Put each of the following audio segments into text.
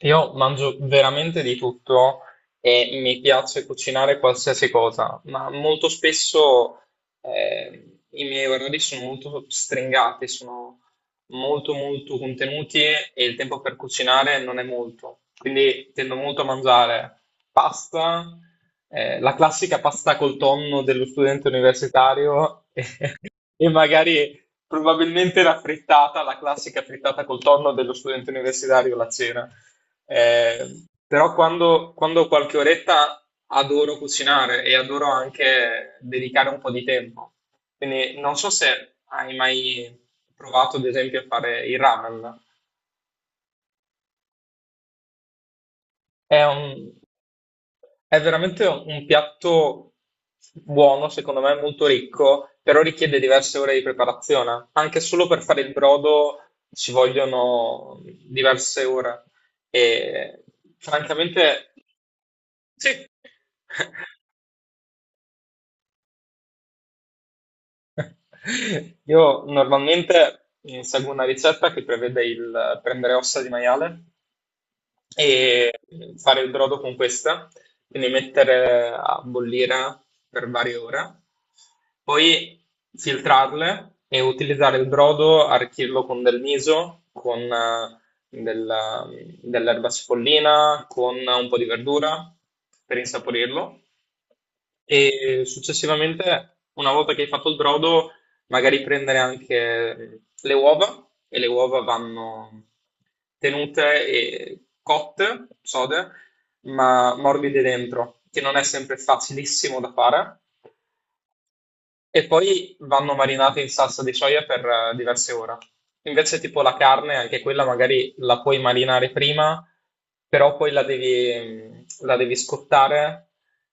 Io mangio veramente di tutto e mi piace cucinare qualsiasi cosa, ma molto spesso i miei orari sono molto stringati, sono molto molto contenuti e il tempo per cucinare non è molto. Quindi tendo molto a mangiare pasta, la classica pasta col tonno dello studente universitario. E magari probabilmente la frittata, la classica frittata col tonno dello studente universitario, la cena. Però quando ho qualche oretta adoro cucinare e adoro anche dedicare un po' di tempo. Quindi non so se hai mai provato, ad esempio, a fare il ramen. È un- è veramente un piatto buono, secondo me, molto ricco, però richiede diverse ore di preparazione. Anche solo per fare il brodo ci vogliono diverse ore. E francamente, sì. Io normalmente seguo una ricetta che prevede il prendere ossa di maiale e fare il brodo con questa, quindi mettere a bollire per varie ore, poi filtrarle e utilizzare il brodo, arricchirlo con del miso, con della- dell'erba cipollina, con un po' di verdura per insaporirlo. E successivamente, una volta che hai fatto il brodo, magari prendere anche le uova, e le uova vanno tenute e cotte, sode, ma morbide dentro, che non è sempre facilissimo da fare, e poi vanno marinate in salsa di soia per diverse ore. Invece, tipo la carne, anche quella magari la puoi marinare prima, però poi la devi scottare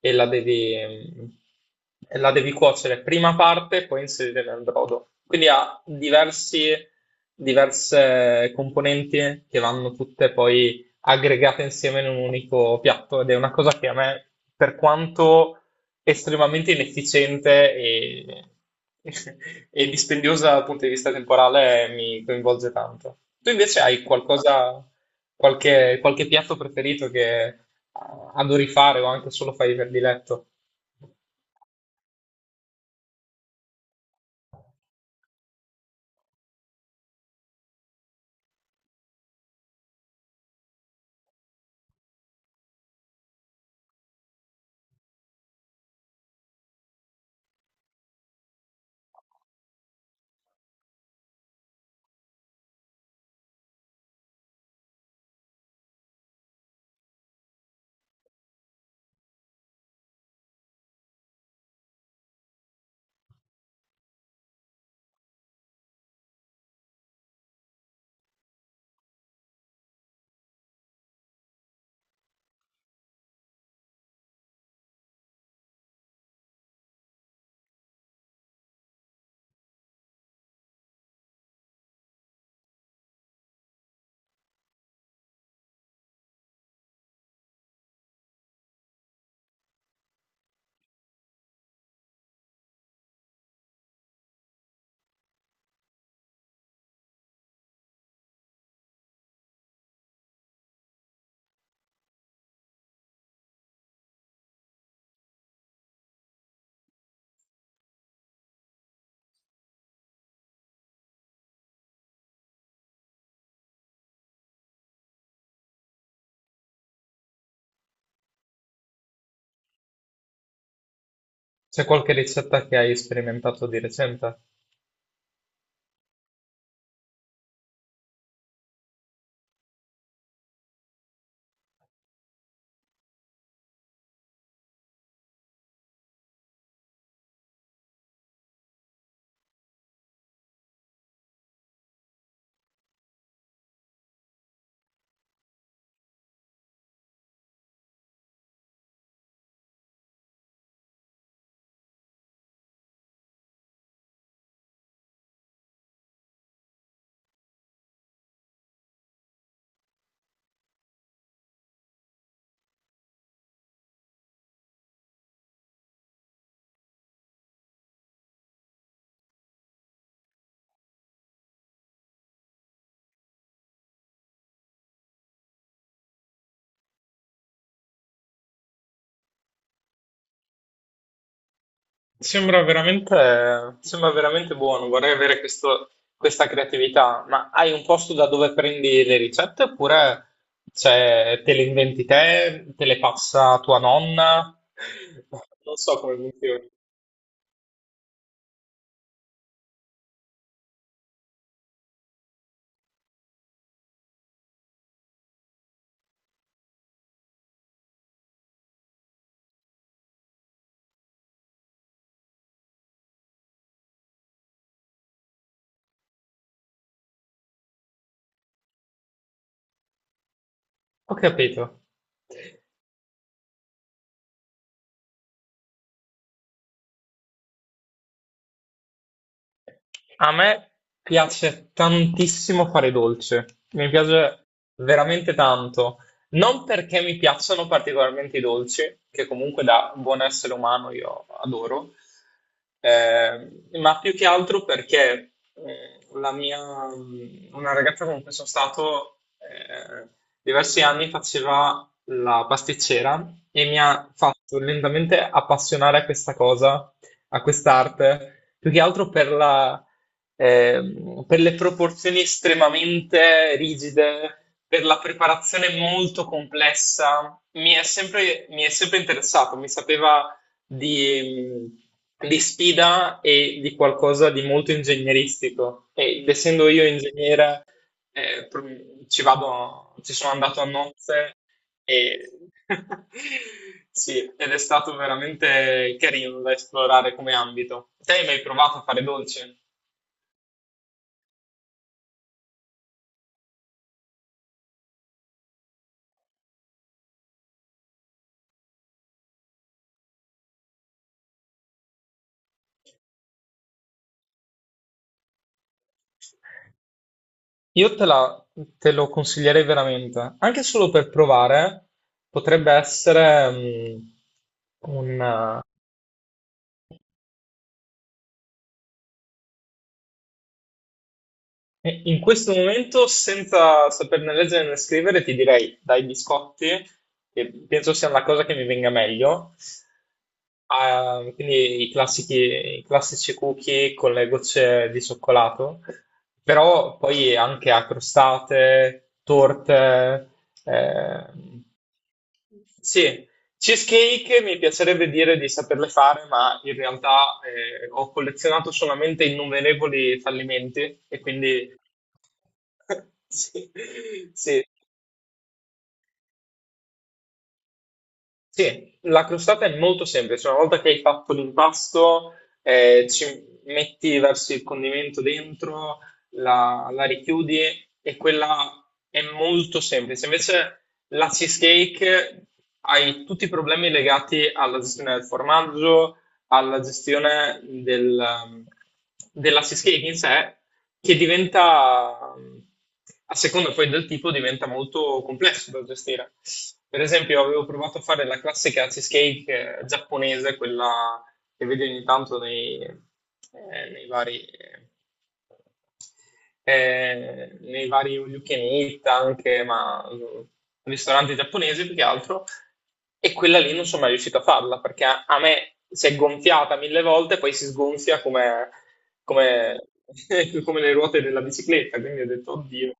e la devi, mm, e la devi cuocere prima parte e poi inserire nel brodo. Quindi ha diverse componenti che vanno tutte poi aggregate insieme in un unico piatto ed è una cosa che a me, per quanto estremamente inefficiente e, e dispendiosa dal punto di vista temporale, mi coinvolge tanto. Tu invece hai qualcosa, qualche piatto preferito che adori fare o anche solo fai per diletto? C'è qualche ricetta che hai sperimentato di recente? Sembra veramente buono, vorrei avere questa creatività, ma hai un posto da dove prendi le ricette oppure cioè, te le inventi te, te le passa tua nonna? Non so come funziona. Ho capito. A me piace tantissimo fare i dolci, mi piace veramente tanto. Non perché mi piacciono particolarmente i dolci, che comunque da buon essere umano io adoro, eh, ma più che altro perché una ragazza con cui sono stato diversi anni faceva la pasticcera e mi ha fatto lentamente appassionare a questa cosa, a quest'arte, più che altro per per le proporzioni estremamente rigide, per la preparazione molto complessa. Mi è sempre interessato, mi sapeva di, di sfida e di qualcosa di molto ingegneristico. Ed essendo io ingegnere, eh, pro- ci sono andato a nozze e... Sì, ed è stato veramente carino da esplorare come ambito. Te hai mai provato a fare dolce? Io te la- Te lo consiglierei veramente, anche solo per provare, potrebbe essere mm, un, E in questo momento, senza saperne leggere né scrivere, ti direi dai biscotti, che penso sia una cosa che mi venga meglio. Ah, quindi i classici cookie con le gocce di cioccolato, però poi anche a crostate, torte, ehm, sì, cheesecake mi piacerebbe dire di saperle fare, ma in realtà ho collezionato solamente innumerevoli fallimenti e quindi sì, sì. Sì, la crostata è molto semplice. Una volta che hai fatto l'impasto, ci versi il condimento dentro, la richiudi e quella è molto semplice. Invece la cheesecake hai tutti i problemi legati alla gestione del formaggio, alla della cheesecake in sé, che diventa, a seconda poi del tipo, diventa molto complesso da gestire. Per esempio, avevo provato a fare la classica cheesecake giapponese, quella che vedi ogni tanto nei vari all you can eat anche, ma ristoranti giapponesi più che altro, e quella lì non sono mai riuscito a farla, perché a me si è gonfiata mille volte, poi si sgonfia come come le ruote della bicicletta, quindi ho detto, oddio.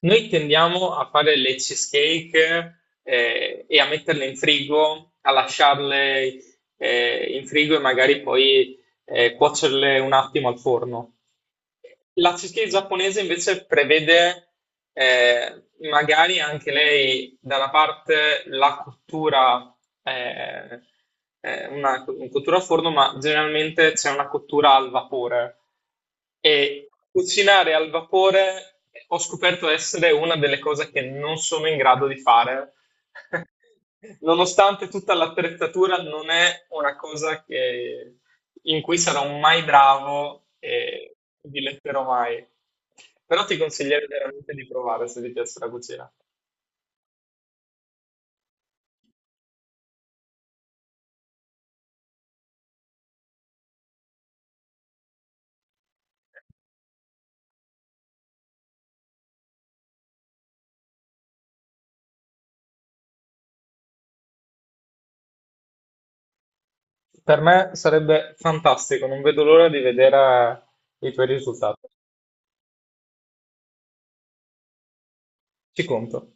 Noi tendiamo a fare le cheesecake e a metterle in frigo, a lasciarle in frigo e magari poi cuocerle un attimo al forno. La cheesecake giapponese invece prevede magari anche lei da una parte la cottura, eh, un cottura a forno, ma generalmente c'è una cottura al vapore. E cucinare al vapore ho scoperto essere una delle cose che non sono in grado di fare. Nonostante tutta l'attrezzatura, non è una cosa in cui sarò mai bravo e diletterò mai. Però ti consiglierei veramente di provare se ti piace la cucina. Per me sarebbe fantastico, non vedo l'ora di vedere i tuoi risultati. Ci conto.